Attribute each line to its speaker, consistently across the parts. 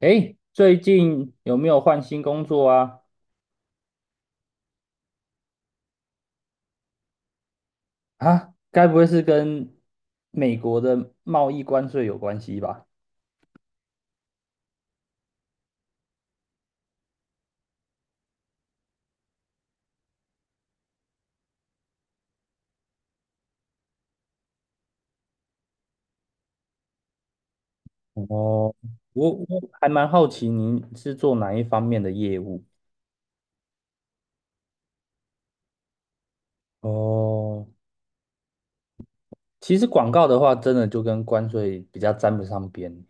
Speaker 1: 诶，最近有没有换新工作啊？啊，该不会是跟美国的贸易关税有关系吧？哦我还蛮好奇您是做哪一方面的业务？哦，其实广告的话，真的就跟关税比较沾不上边。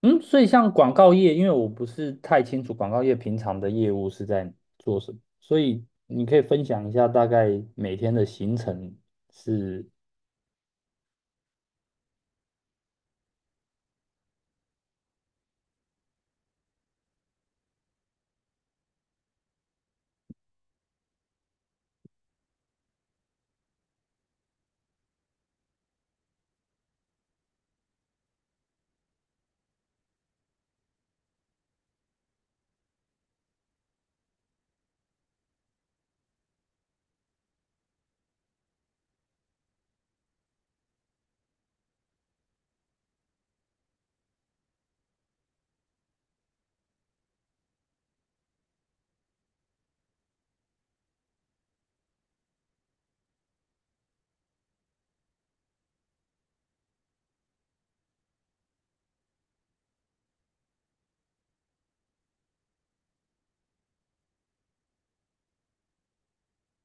Speaker 1: 嗯，所以像广告业，因为我不是太清楚广告业平常的业务是在做什么，所以你可以分享一下大概每天的行程是，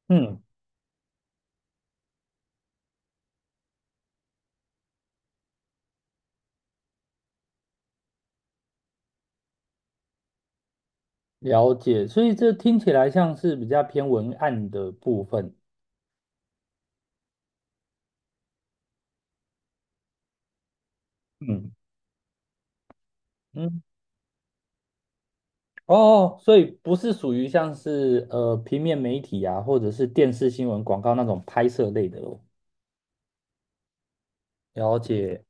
Speaker 1: 嗯，了解，所以这听起来像是比较偏文案的部分。嗯嗯，哦，所以不是属于像是平面媒体啊，或者是电视新闻广告那种拍摄类的哦。了解，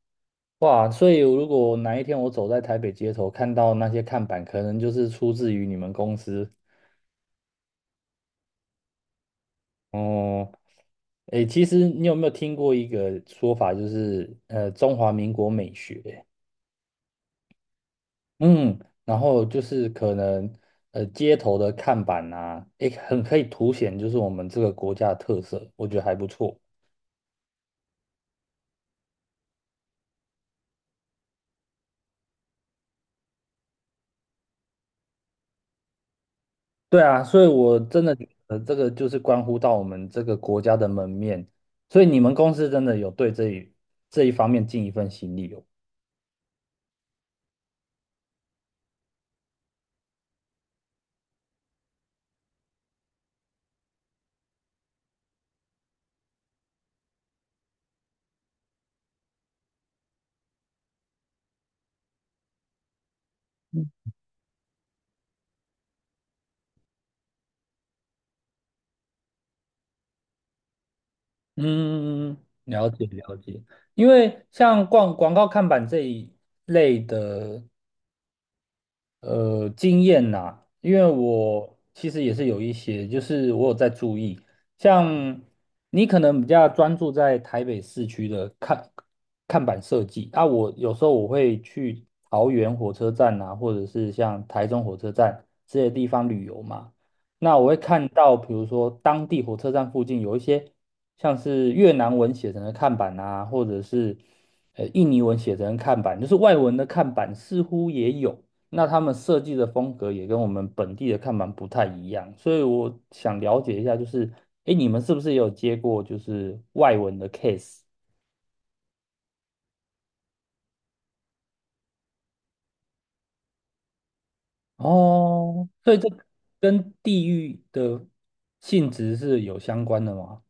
Speaker 1: 哇，所以如果哪一天我走在台北街头，看到那些看板，可能就是出自于你们公司。哦、诶，其实你有没有听过一个说法，就是中华民国美学？嗯，然后就是可能街头的看板啊，也很可以凸显就是我们这个国家的特色，我觉得还不错。对啊，所以我真的觉得这个就是关乎到我们这个国家的门面，所以你们公司真的有对这一方面尽一份心力哦。嗯，了解了解，因为像广告看板这一类的，经验呐、因为我其实也是有一些，就是我有在注意，像你可能比较专注在台北市区的看板设计，啊，我有时候我会去桃园火车站啊，或者是像台中火车站这些地方旅游嘛，那我会看到，比如说当地火车站附近有一些像是越南文写成的看板啊，或者是印尼文写成的看板，就是外文的看板似乎也有。那他们设计的风格也跟我们本地的看板不太一样，所以我想了解一下，就是，哎，你们是不是也有接过就是外文的 case？哦，所以这跟地域的性质是有相关的吗？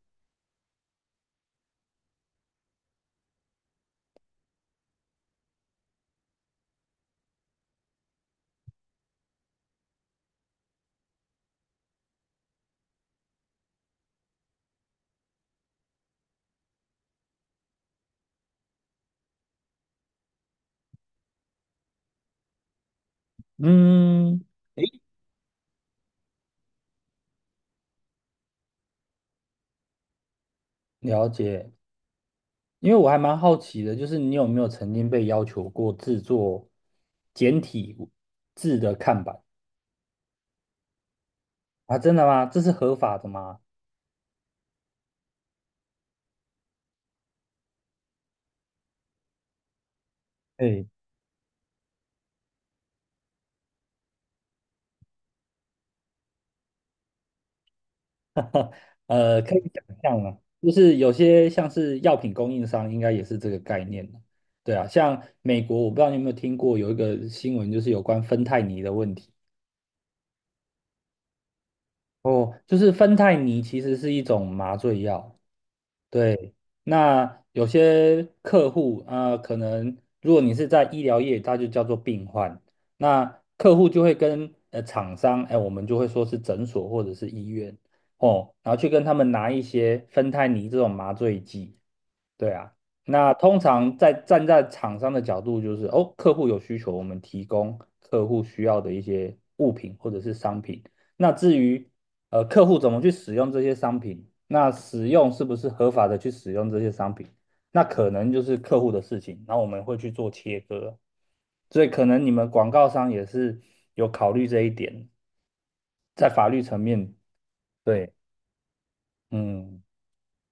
Speaker 1: 嗯，了解。因为我还蛮好奇的，就是你有没有曾经被要求过制作简体字的看板啊？真的吗？这是合法的吗？哎，可以想象啊，就是有些像是药品供应商，应该也是这个概念的。对啊，像美国，我不知道你有没有听过有一个新闻，就是有关芬太尼的问题。哦，就是芬太尼其实是一种麻醉药。对，那有些客户啊、可能如果你是在医疗业，它就叫做病患。那客户就会跟厂商，哎，我们就会说是诊所或者是医院哦，然后去跟他们拿一些芬太尼这种麻醉剂。对啊，那通常在站在厂商的角度，就是哦，客户有需求，我们提供客户需要的一些物品或者是商品。那至于客户怎么去使用这些商品，那使用是不是合法的去使用这些商品，那可能就是客户的事情，然后我们会去做切割。所以可能你们广告商也是有考虑这一点，在法律层面，对，嗯。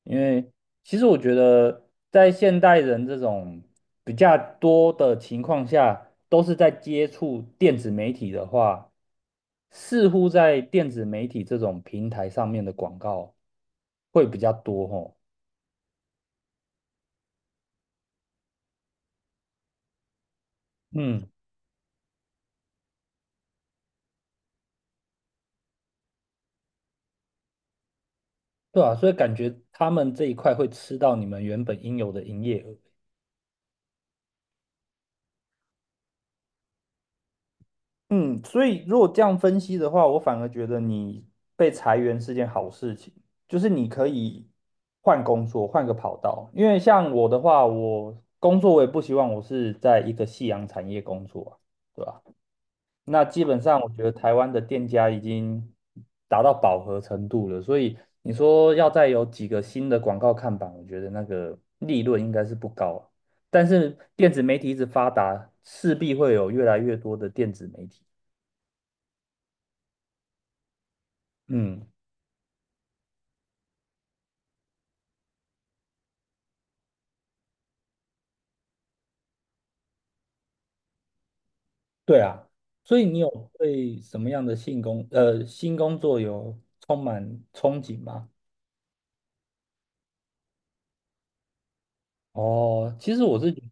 Speaker 1: 因为其实我觉得，在现代人这种比较多的情况下，都是在接触电子媒体的话，似乎在电子媒体这种平台上面的广告会比较多吼。嗯，对啊，所以感觉他们这一块会吃到你们原本应有的营业额。嗯，所以如果这样分析的话，我反而觉得你被裁员是件好事情，就是你可以换工作，换个跑道。因为像我的话，我工作我也不希望我是在一个夕阳产业工作啊，对吧？那基本上我觉得台湾的店家已经达到饱和程度了，所以你说要再有几个新的广告看板，我觉得那个利润应该是不高啊。但是电子媒体一直发达，势必会有越来越多的电子媒体。嗯，对啊，所以你有对什么样的新工作有充满憧憬吗？哦，其实我是觉得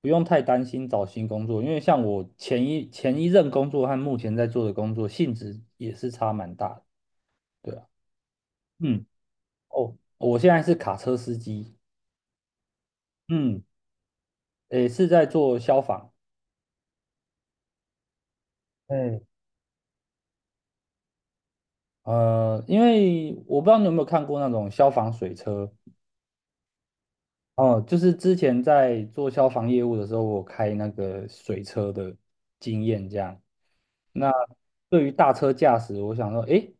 Speaker 1: 不用太担心找新工作，因为像我前一任工作和目前在做的工作性质也是差蛮大的，对啊，嗯，哦，我现在是卡车司机，嗯，也是在做消防。嗯，因为我不知道你有没有看过那种消防水车，哦，就是之前在做消防业务的时候，我开那个水车的经验这样。那对于大车驾驶，我想说，诶，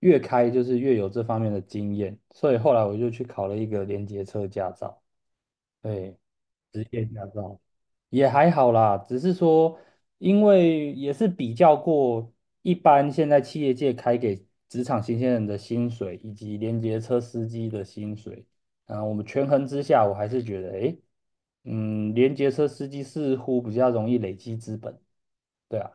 Speaker 1: 越开就是越有这方面的经验，所以后来我就去考了一个连接车驾照。对，驾照。也还好啦，只是说，因为也是比较过一般现在企业界开给职场新鲜人的薪水，以及连接车司机的薪水，啊、我们权衡之下，我还是觉得，诶，嗯，连接车司机似乎比较容易累积资本，对啊。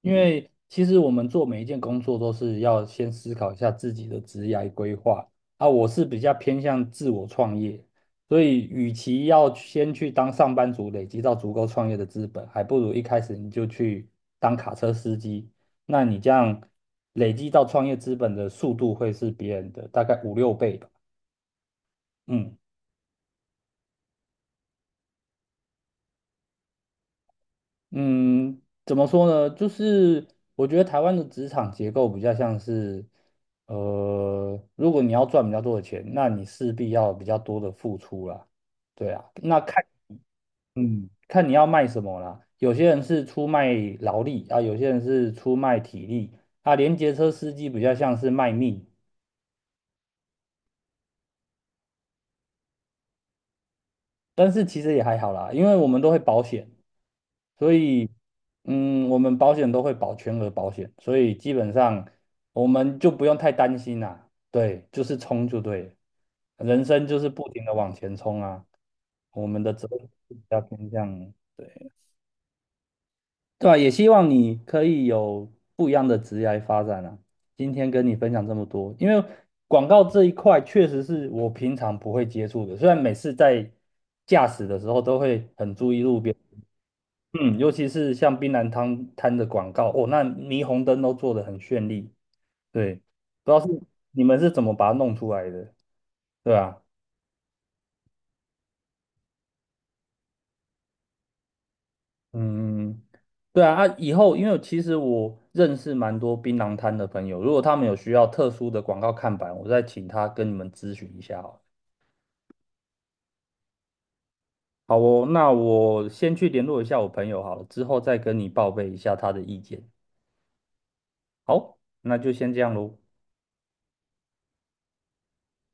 Speaker 1: 因为其实我们做每一件工作都是要先思考一下自己的职业规划啊。我是比较偏向自我创业，所以与其要先去当上班族，累积到足够创业的资本，还不如一开始你就去当卡车司机。那你这样累积到创业资本的速度会是别人的大概五六倍吧。嗯。嗯，怎么说呢？就是我觉得台湾的职场结构比较像是，如果你要赚比较多的钱，那你势必要有比较多的付出啦。对啊，那看，嗯，看你要卖什么啦。有些人是出卖劳力啊，有些人是出卖体力啊。连结车司机比较像是卖命，但是其实也还好啦，因为我们都会保险，所以嗯，我们保险都会保全额保险，所以基本上我们就不用太担心啦。对，就是冲就对了人生就是不停的往前冲啊。我们的责任比较偏向。对。对啊，也希望你可以有不一样的职业发展啊。今天跟你分享这么多，因为广告这一块确实是我平常不会接触的，虽然每次在驾驶的时候都会很注意路边，嗯，尤其是像槟榔摊的广告，哦，那霓虹灯都做得很绚丽，对，不知道是你们是怎么把它弄出来的，对啊。嗯，对啊，啊，以后因为其实我认识蛮多槟榔摊的朋友，如果他们有需要特殊的广告看板，我再请他跟你们咨询一下好了好哦，那我先去联络一下我朋友好了，之后再跟你报备一下他的意见。好，那就先这样喽。